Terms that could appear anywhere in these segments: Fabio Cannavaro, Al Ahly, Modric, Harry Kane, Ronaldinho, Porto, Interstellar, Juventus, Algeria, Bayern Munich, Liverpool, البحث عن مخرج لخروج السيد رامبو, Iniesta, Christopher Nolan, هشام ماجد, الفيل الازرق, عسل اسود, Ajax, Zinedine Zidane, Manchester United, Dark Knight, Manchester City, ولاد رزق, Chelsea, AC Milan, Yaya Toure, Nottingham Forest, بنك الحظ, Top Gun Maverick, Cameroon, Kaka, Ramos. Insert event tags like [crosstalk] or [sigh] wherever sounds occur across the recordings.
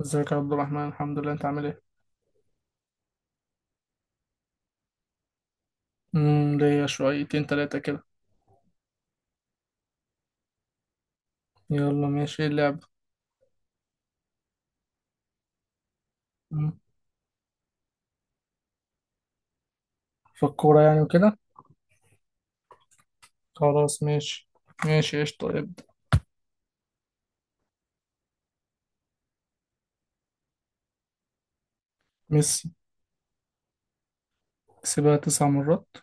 ازيك يا عبد الرحمن، الحمد لله. انت عامل ايه؟ ليا شويتين تلاتة كده. يلا ماشي، ايه اللعب؟ مم. في الكورة يعني وكده. خلاص ماشي. ماشي، ايش طيب. ميسي. كسبها 9 مرات.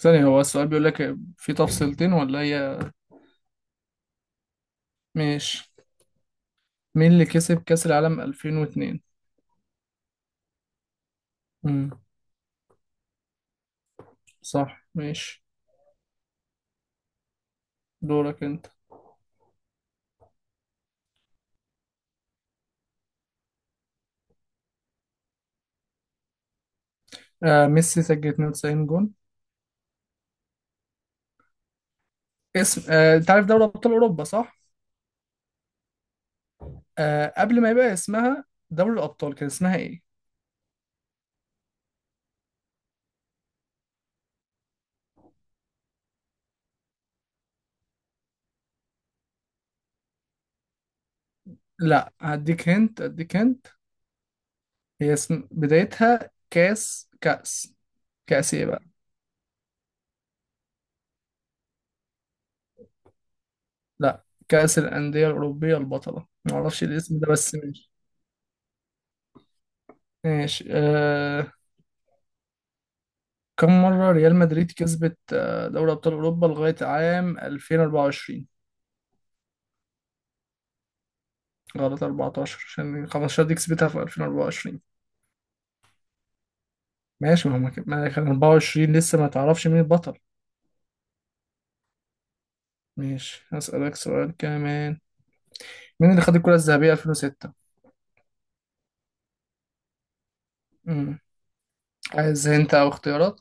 ثانية، هو السؤال بيقول لك في تفصيلتين ولا هي؟ ماشي. مين اللي كسب كأس العالم 2002؟ امم صح ماشي. دورك انت. ميسي سجل 92 جون. اسم، انت عارف دوري ابطال اوروبا صح؟ قبل ما يبقى اسمها دوري الابطال، كان اسمها ايه؟ لا، هديك هنت. هي اسم بدايتها كأس كأس ايه بقى؟ لا، كأس الأندية الأوروبية البطلة، معرفش الاسم ده بس ماشي. ماشي كم مرة ريال مدريد كسبت دوري أبطال أوروبا لغاية عام 2024؟ غلط. 14 عشان 15 دي كسبتها في 2024. ماشي. ما هم كان ما كان 24 لسه ما تعرفش مين البطل. ماشي، هسألك سؤال كمان. مين اللي خد الكرة الذهبية 2006؟ امم عايز انت او اختيارات؟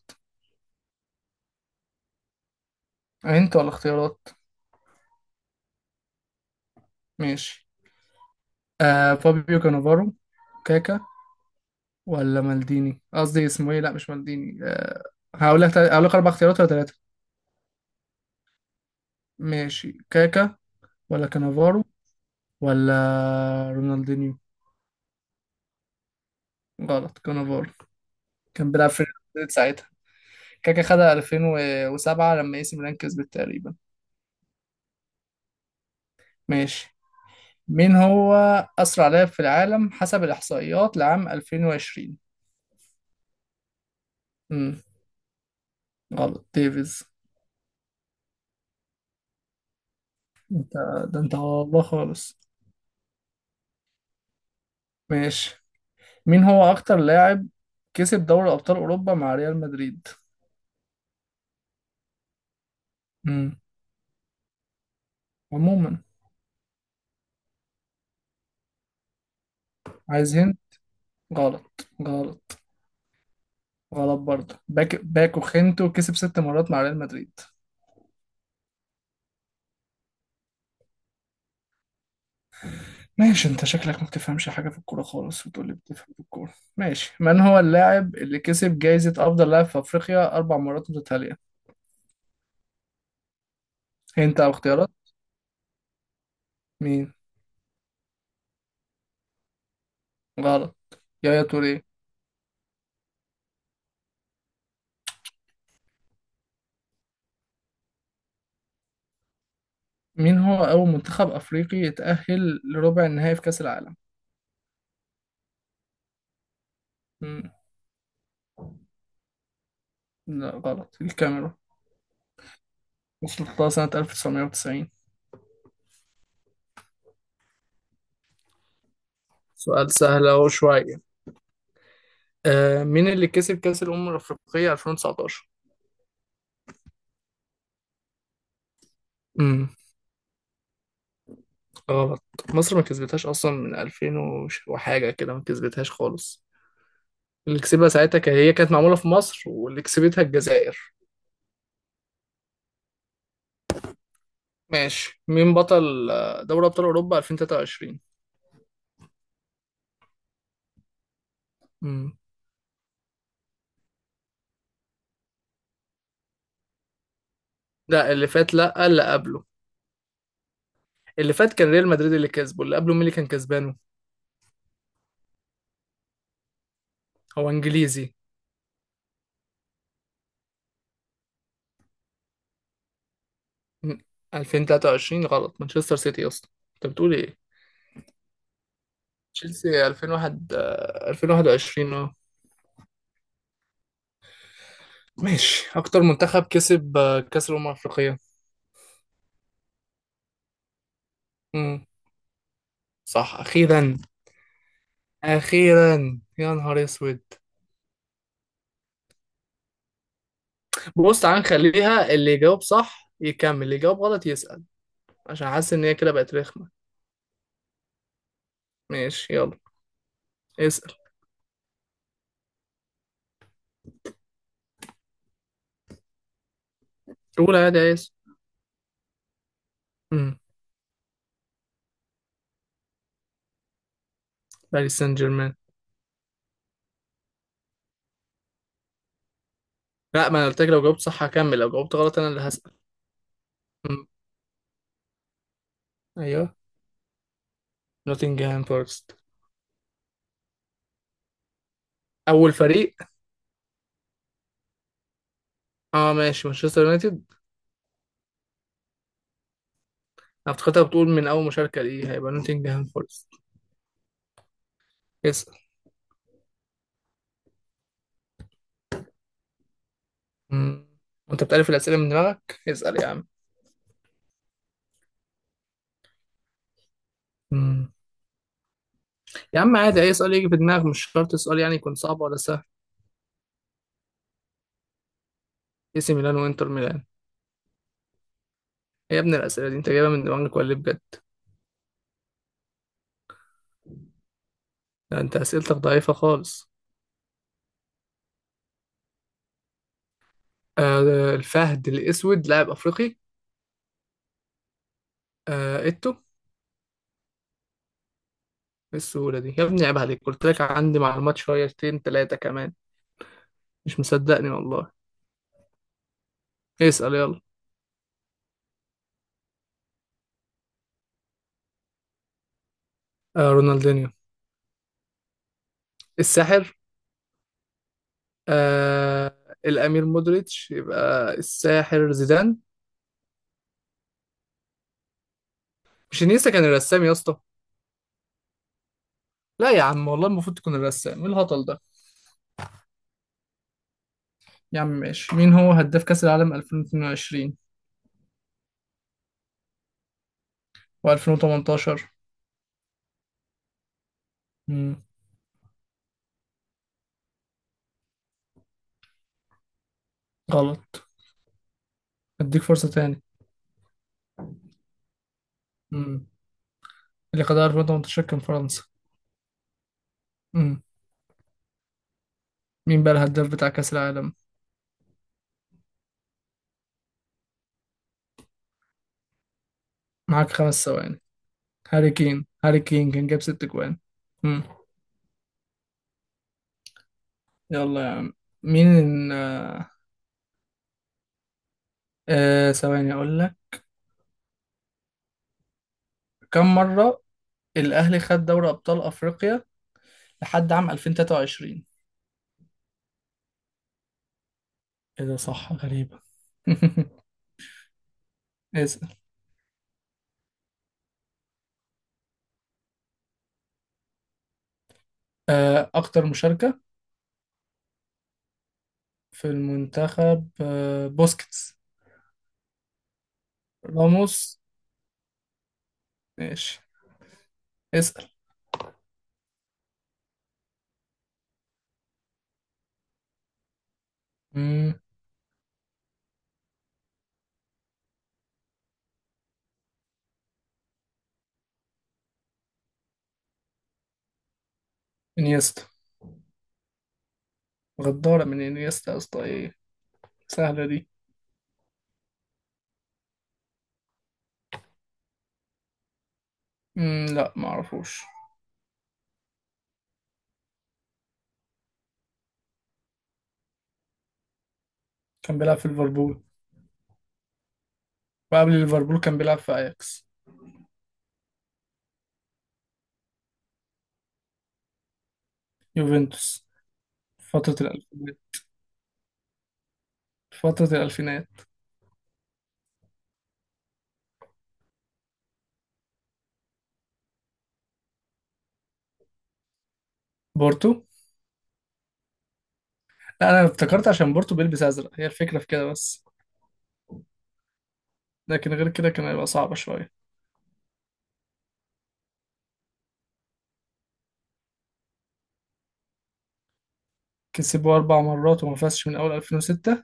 انت ولا اختيارات؟ ماشي. فابيو كانافارو، كاكا ولا مالديني. قصدي اسمه ايه، لا مش مالديني. هقول لك اربع اختيارات ولا ثلاثه؟ ماشي. كاكا ولا كانافارو ولا رونالدينيو؟ غلط، كانافارو. كان بيلعب في ريال مدريد ساعتها. كاكا خدها 2007 لما اي سي ميلان كسبت تقريبا. ماشي. مين هو اسرع لاعب في العالم حسب الاحصائيات لعام 2020؟ امم غلط، ديفيز. انت، ده انت على الله خالص. ماشي. مين هو أكتر لاعب كسب دوري أبطال أوروبا مع ريال مدريد؟ مم. عموما. عايزين. غلط غلط غلط، برضه. باك باكو خينتو كسب 6 مرات مع ريال مدريد. ماشي، انت شكلك ما بتفهمش حاجة في الكورة خالص وتقول لي بتفهم في الكورة. ماشي، من هو اللاعب اللي كسب جايزة أفضل لاعب في أفريقيا 4 مرات متتالية؟ انت على الاختيارات. مين؟ غلط، يايا توريه. مين هو أول منتخب أفريقي يتأهل لربع النهائي في كأس العالم؟ مم. لا غلط، الكاميرون. ده سنة 1990. سؤال سهل اهو شوية. آه، مين اللي كسب كأس الأمم الأفريقية 2019؟ امم غلط. مصر ما كسبتهاش أصلا من 2000 وحاجة كده، ما كسبتهاش خالص. اللي كسبها ساعتها هي كانت معمولة في مصر، واللي كسبتها الجزائر. ماشي. مين بطل دوري أبطال أوروبا 2023؟ امم لا، اللي فات. لا، اللي قبله. اللي فات كان ريال مدريد اللي كسبه، اللي قبله مين اللي كان كسبانه؟ هو إنجليزي. مم، 2023 غلط. مانشستر سيتي أصلا. أنت بتقول إيه؟ تشيلسي 2001، آه، 2021. اه ماشي. اكتر منتخب كسب كاس الامم الافريقيه. امم صح اخيرا. اخيرا يا نهار اسود. بص تعالى نخليها اللي يجاوب صح يكمل، اللي يجاوب غلط يسأل. عشان حاسس ان هي كده بقت رخمه. ماشي يلا. اسأل. قول عادي يا اسم. امم باريس سان جيرمان. لا، ما انا قلت لك لو جاوبت صح هكمل، لو جاوبت غلط انا اللي هسأل. امم ايوه. نوتنجهام فورست. اول فريق. اه ماشي، مانشستر يونايتد. أنا افتكرتها بتقول من أول مشاركة، ليه هيبقى نوتنجهام فورست. اسأل. مم. وأنت بتعرف الأسئلة من دماغك؟ اسأل يا عم. مم. يا عم عادي، أي سؤال يجي في دماغك، مش شرط السؤال يعني يكون صعب ولا سهل. اي سي ميلان وإنتر ميلان. إيه يا ابني الأسئلة دي، أنت جايبها من دماغك ولا إيه بجد؟ ده أنت أسئلتك ضعيفة خالص. الفهد الأسود لاعب أفريقي. إيتو إيه. السهولة دي يا ابني عيب عليك. قلت لك عندي معلومات شويتين تلاتة كمان، مش مصدقني والله. اسأل يلا. رونالدينيو. الساحر. آه الأمير مودريتش يبقى الساحر زيدان. مش انيستا، كان الرسام يا اسطى. لا يا عم والله، المفروض تكون الرسام. ايه الهطل ده؟ يا عم ماشي. مين هو هداف كأس العالم 2022؟ و2018؟ امم غلط. اديك فرصة تاني. امم اللي خدها 2018 كان فرنسا. امم مين بقى الهداف بتاع كأس العالم؟ معاك 5 ثواني. هاري كين. هاري كين كان جاب 6 جوان. امم يلا يا عم. مين؟ آه ثواني اقول لك. كم مرة الأهلي خد دوري أبطال أفريقيا لحد عام 2023؟ إيه ده صح، غريبة. [laughs] اسأل. أكتر مشاركة. في المنتخب، بوسكيتس. راموس. ماشي. اسأل. مم، إنيستا. غدارة من إنيستا يا اسطى إيه. سهلة دي. مم، لا معرفوش. كان بيلعب في ليفربول. وقبل ليفربول كان بيلعب في أياكس. يوفنتوس. فترة الألفينات فترة الألفينات. بورتو. لا، أنا افتكرت عشان بورتو بيلبس أزرق هي الفكرة في كده بس، لكن غير كده كان هيبقى صعب شوية. كسبوا 4 مرات وما فازش من أول 2006.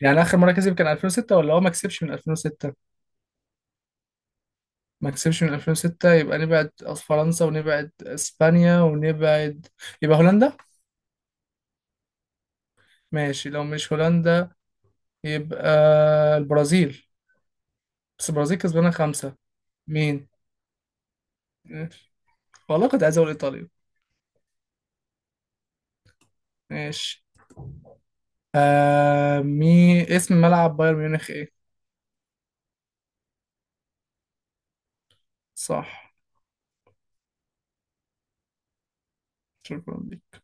يعني آخر مرة كسب كان 2006 ولا هو ما كسبش من 2006؟ ما كسبش من 2006. يبقى نبعد فرنسا ونبعد إسبانيا ونبعد، يبقى هولندا. ماشي، لو مش هولندا يبقى البرازيل. بس البرازيل كسبانة خمسة. مين؟ والله كنت عايز أقول إيطاليا. ماشي. آه مي اسم ملعب بايرن ميونخ إيه؟ صح. شكرا.